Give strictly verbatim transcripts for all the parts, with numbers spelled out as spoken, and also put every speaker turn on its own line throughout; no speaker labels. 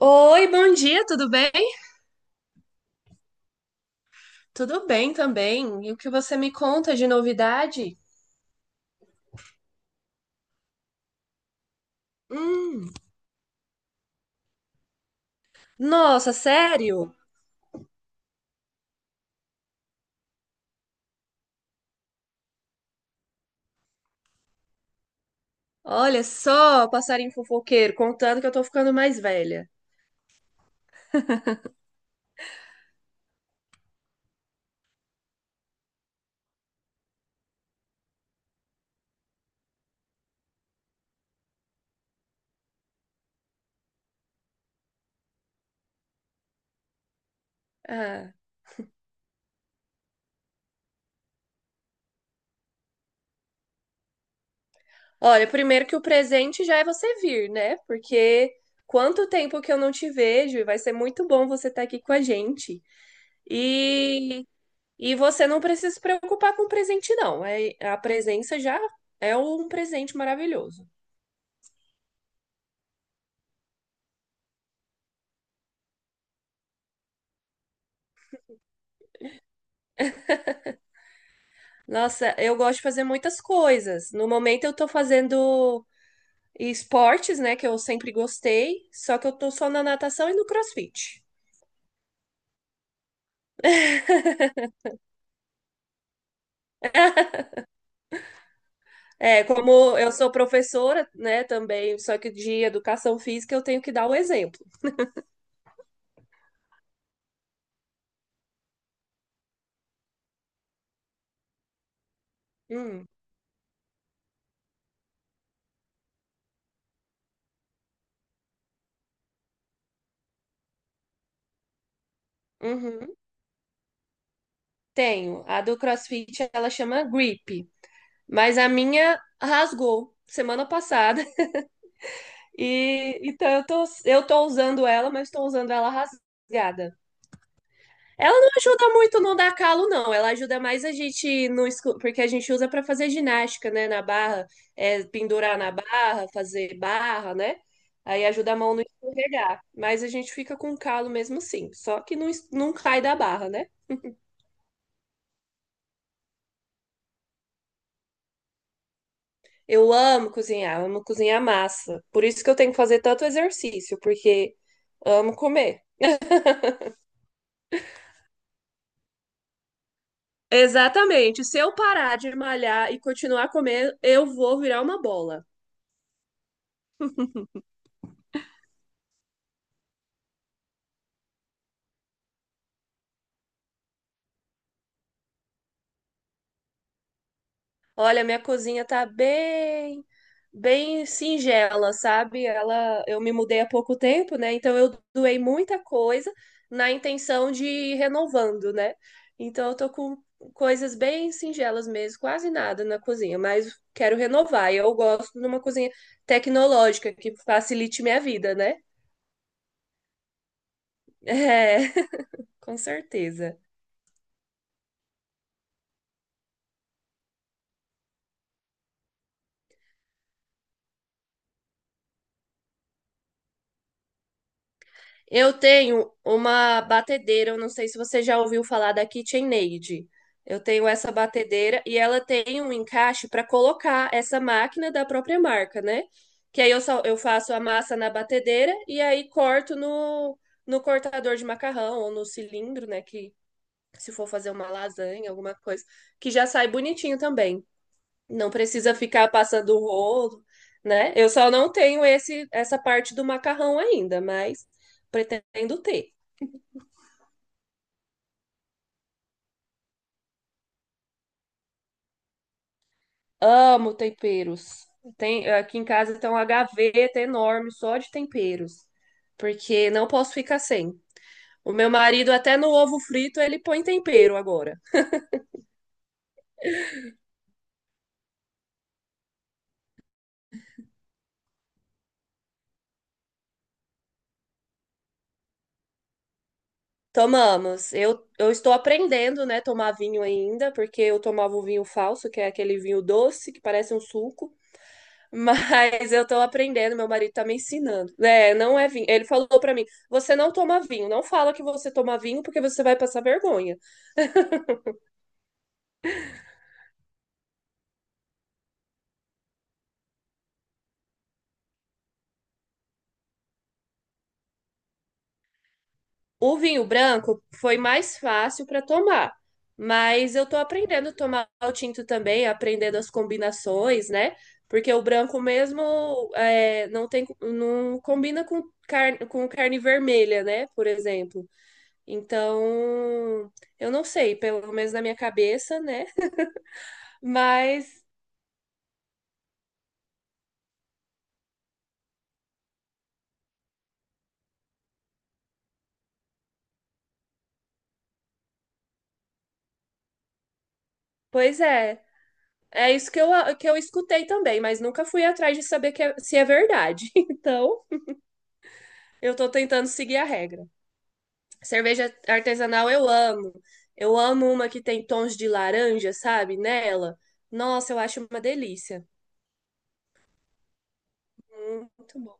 Oi, bom dia, tudo bem? Tudo bem também. E o que você me conta de novidade? Hum, nossa, sério? Olha só, passarinho fofoqueiro, contando que eu tô ficando mais velha. Ah, olha, primeiro que o presente já é você vir, né? Porque quanto tempo que eu não te vejo e vai ser muito bom você estar aqui com a gente. E, e você não precisa se preocupar com o presente, não. É, a presença já é um presente maravilhoso. Nossa, eu gosto de fazer muitas coisas. No momento eu tô fazendo esportes, né, que eu sempre gostei, só que eu tô só na natação e no CrossFit. É, como eu sou professora, né, também, só que de educação física eu tenho que dar o exemplo. Hum, uhum, tenho. A do CrossFit, ela chama Grip, mas a minha rasgou semana passada. E então eu tô, eu tô usando ela, mas tô usando ela rasgada. Ela não ajuda muito no dar calo, não. Ela ajuda mais a gente no escu- porque a gente usa para fazer ginástica, né? Na barra, é, pendurar na barra, fazer barra, né? Aí ajuda a mão não escorregar. Mas a gente fica com calo mesmo assim. Só que não, es- não cai da barra, né? Eu amo cozinhar, amo cozinhar massa. Por isso que eu tenho que fazer tanto exercício, porque amo comer. Exatamente. Se eu parar de malhar e continuar a comer, eu vou virar uma bola. Olha, minha cozinha tá bem, bem singela, sabe? Ela, eu me mudei há pouco tempo, né? Então eu doei muita coisa na intenção de ir renovando, né? Então eu tô com coisas bem singelas mesmo, quase nada na cozinha, mas quero renovar. E eu gosto de uma cozinha tecnológica que facilite minha vida, né? É, com certeza. Eu tenho uma batedeira, eu não sei se você já ouviu falar da KitchenAid. Eu tenho essa batedeira e ela tem um encaixe para colocar essa máquina da própria marca, né? Que aí eu só eu faço a massa na batedeira e aí corto no, no cortador de macarrão ou no cilindro, né? Que se for fazer uma lasanha, alguma coisa, que já sai bonitinho também. Não precisa ficar passando rolo, né? Eu só não tenho esse essa parte do macarrão ainda, mas pretendo ter. Amo temperos. Tem, aqui em casa tem uma gaveta enorme só de temperos, porque não posso ficar sem. O meu marido até no ovo frito ele põe tempero agora. Tomamos. Eu, eu estou aprendendo, né, tomar vinho ainda, porque eu tomava o vinho falso, que é aquele vinho doce que parece um suco. Mas eu tô aprendendo, meu marido tá me ensinando. É, não é vinho. Ele falou pra mim: você não toma vinho, não fala que você toma vinho porque você vai passar vergonha. O vinho branco foi mais fácil pra tomar, mas eu tô aprendendo a tomar o tinto também, aprendendo as combinações, né? Porque o branco mesmo é, não tem, não combina com carne, com carne vermelha, né? Por exemplo. Então, eu não sei, pelo menos na minha cabeça, né? Mas Pois é. É isso que eu, que eu escutei também, mas nunca fui atrás de saber que é- se é verdade. Então, eu tô tentando seguir a regra. Cerveja artesanal eu amo. Eu amo uma que tem tons de laranja, sabe? Nela. Nossa, eu acho uma delícia. Muito bom.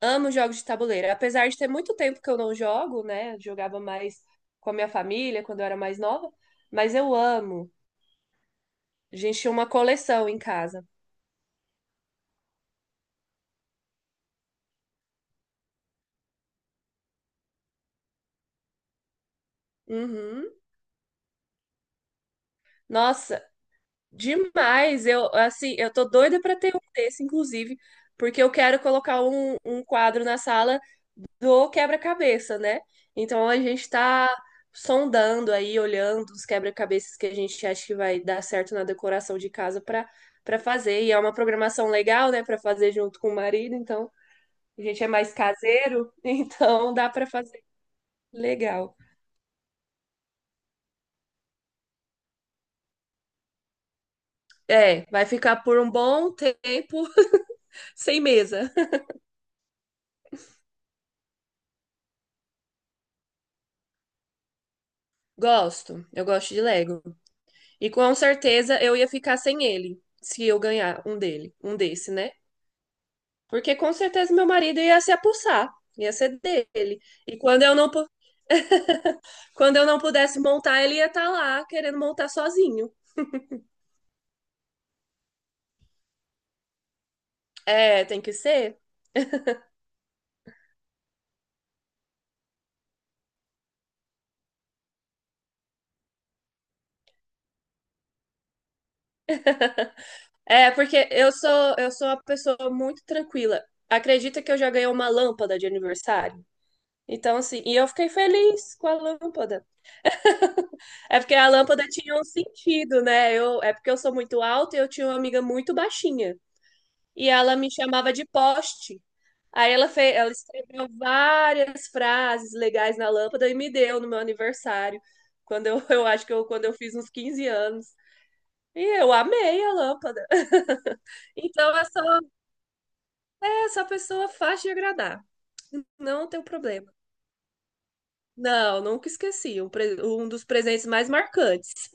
Amo jogos de tabuleiro. Apesar de ter muito tempo que eu não jogo, né? Jogava mais com a minha família quando eu era mais nova. Mas eu amo. A gente tinha uma coleção em casa. Uhum. Nossa. Demais, eu assim, eu tô doida pra ter um desse, inclusive, porque eu quero colocar um, um quadro na sala do quebra-cabeça, né? Então a gente tá sondando aí, olhando os quebra-cabeças que a gente acha que vai dar certo na decoração de casa pra para fazer. E é uma programação legal, né, pra fazer junto com o marido, então a gente é mais caseiro, então dá pra fazer legal. É, vai ficar por um bom tempo sem mesa. Gosto, eu gosto de Lego. E com certeza eu ia ficar sem ele, se eu ganhar um dele, um desse, né? Porque com certeza meu marido ia se apossar, ia ser dele. E quando eu não, pu- quando eu não pudesse montar, ele ia estar lá querendo montar sozinho. É, tem que ser. É, porque eu sou eu sou uma pessoa muito tranquila. Acredita que eu já ganhei uma lâmpada de aniversário? Então, assim, e eu fiquei feliz com a lâmpada. É porque a lâmpada tinha um sentido, né? Eu, é porque eu sou muito alta e eu tinha uma amiga muito baixinha. E ela me chamava de poste. Aí ela fez, ela escreveu várias frases legais na lâmpada e me deu no meu aniversário, quando eu, eu acho que eu, quando eu fiz uns quinze anos. E eu amei a lâmpada. Então é só, é só pessoa fácil de agradar. Não tem problema. Não, nunca esqueci. Um, pre- um dos presentes mais marcantes.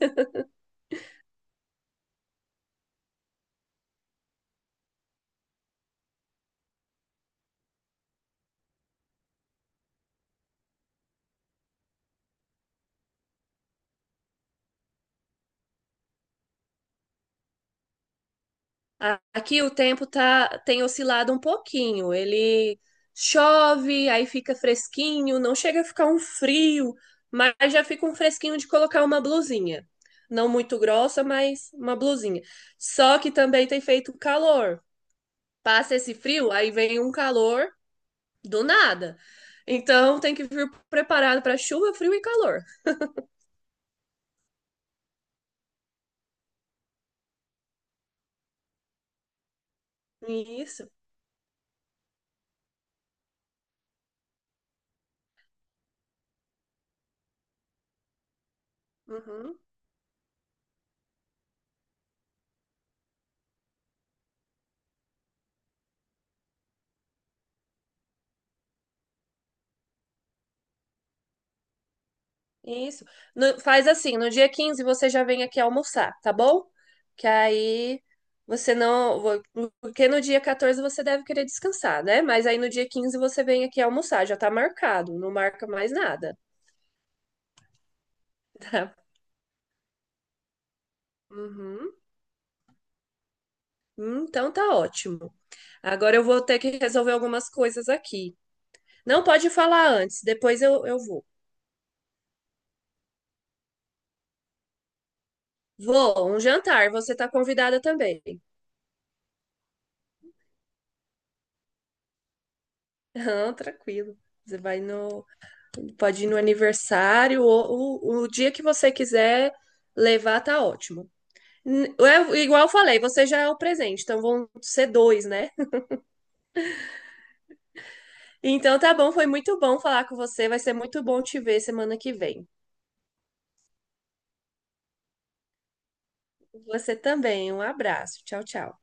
A- Aqui o tempo tá, tem oscilado um pouquinho. Ele chove, aí fica fresquinho, não chega a ficar um frio, mas já fica um fresquinho de colocar uma blusinha. Não muito grossa, mas uma blusinha. Só que também tem feito calor. Passa esse frio, aí vem um calor do nada. Então tem que vir preparado para chuva, frio e calor. Isso. Uhum. Isso. No- faz assim, no dia quinze você já vem aqui almoçar, tá bom? Que aí você não. vo- porque no dia quatorze você deve querer descansar, né? Mas aí no dia quinze você vem aqui almoçar, já tá marcado, não marca mais nada. Tá. Uhum. Hum, então tá ótimo. Agora eu vou ter que resolver algumas coisas aqui. Não pode falar antes, depois eu, eu vou. Vou, um jantar, você tá convidada também. Ah, tranquilo. Você vai no. Pode ir no aniversário, ou o, o dia que você quiser levar, tá ótimo. N- É, igual eu falei, você já é o presente, então vão ser dois, né? Então tá bom, foi muito bom falar com você. Vai ser muito bom te ver semana que vem. Você também, um abraço. Tchau, tchau.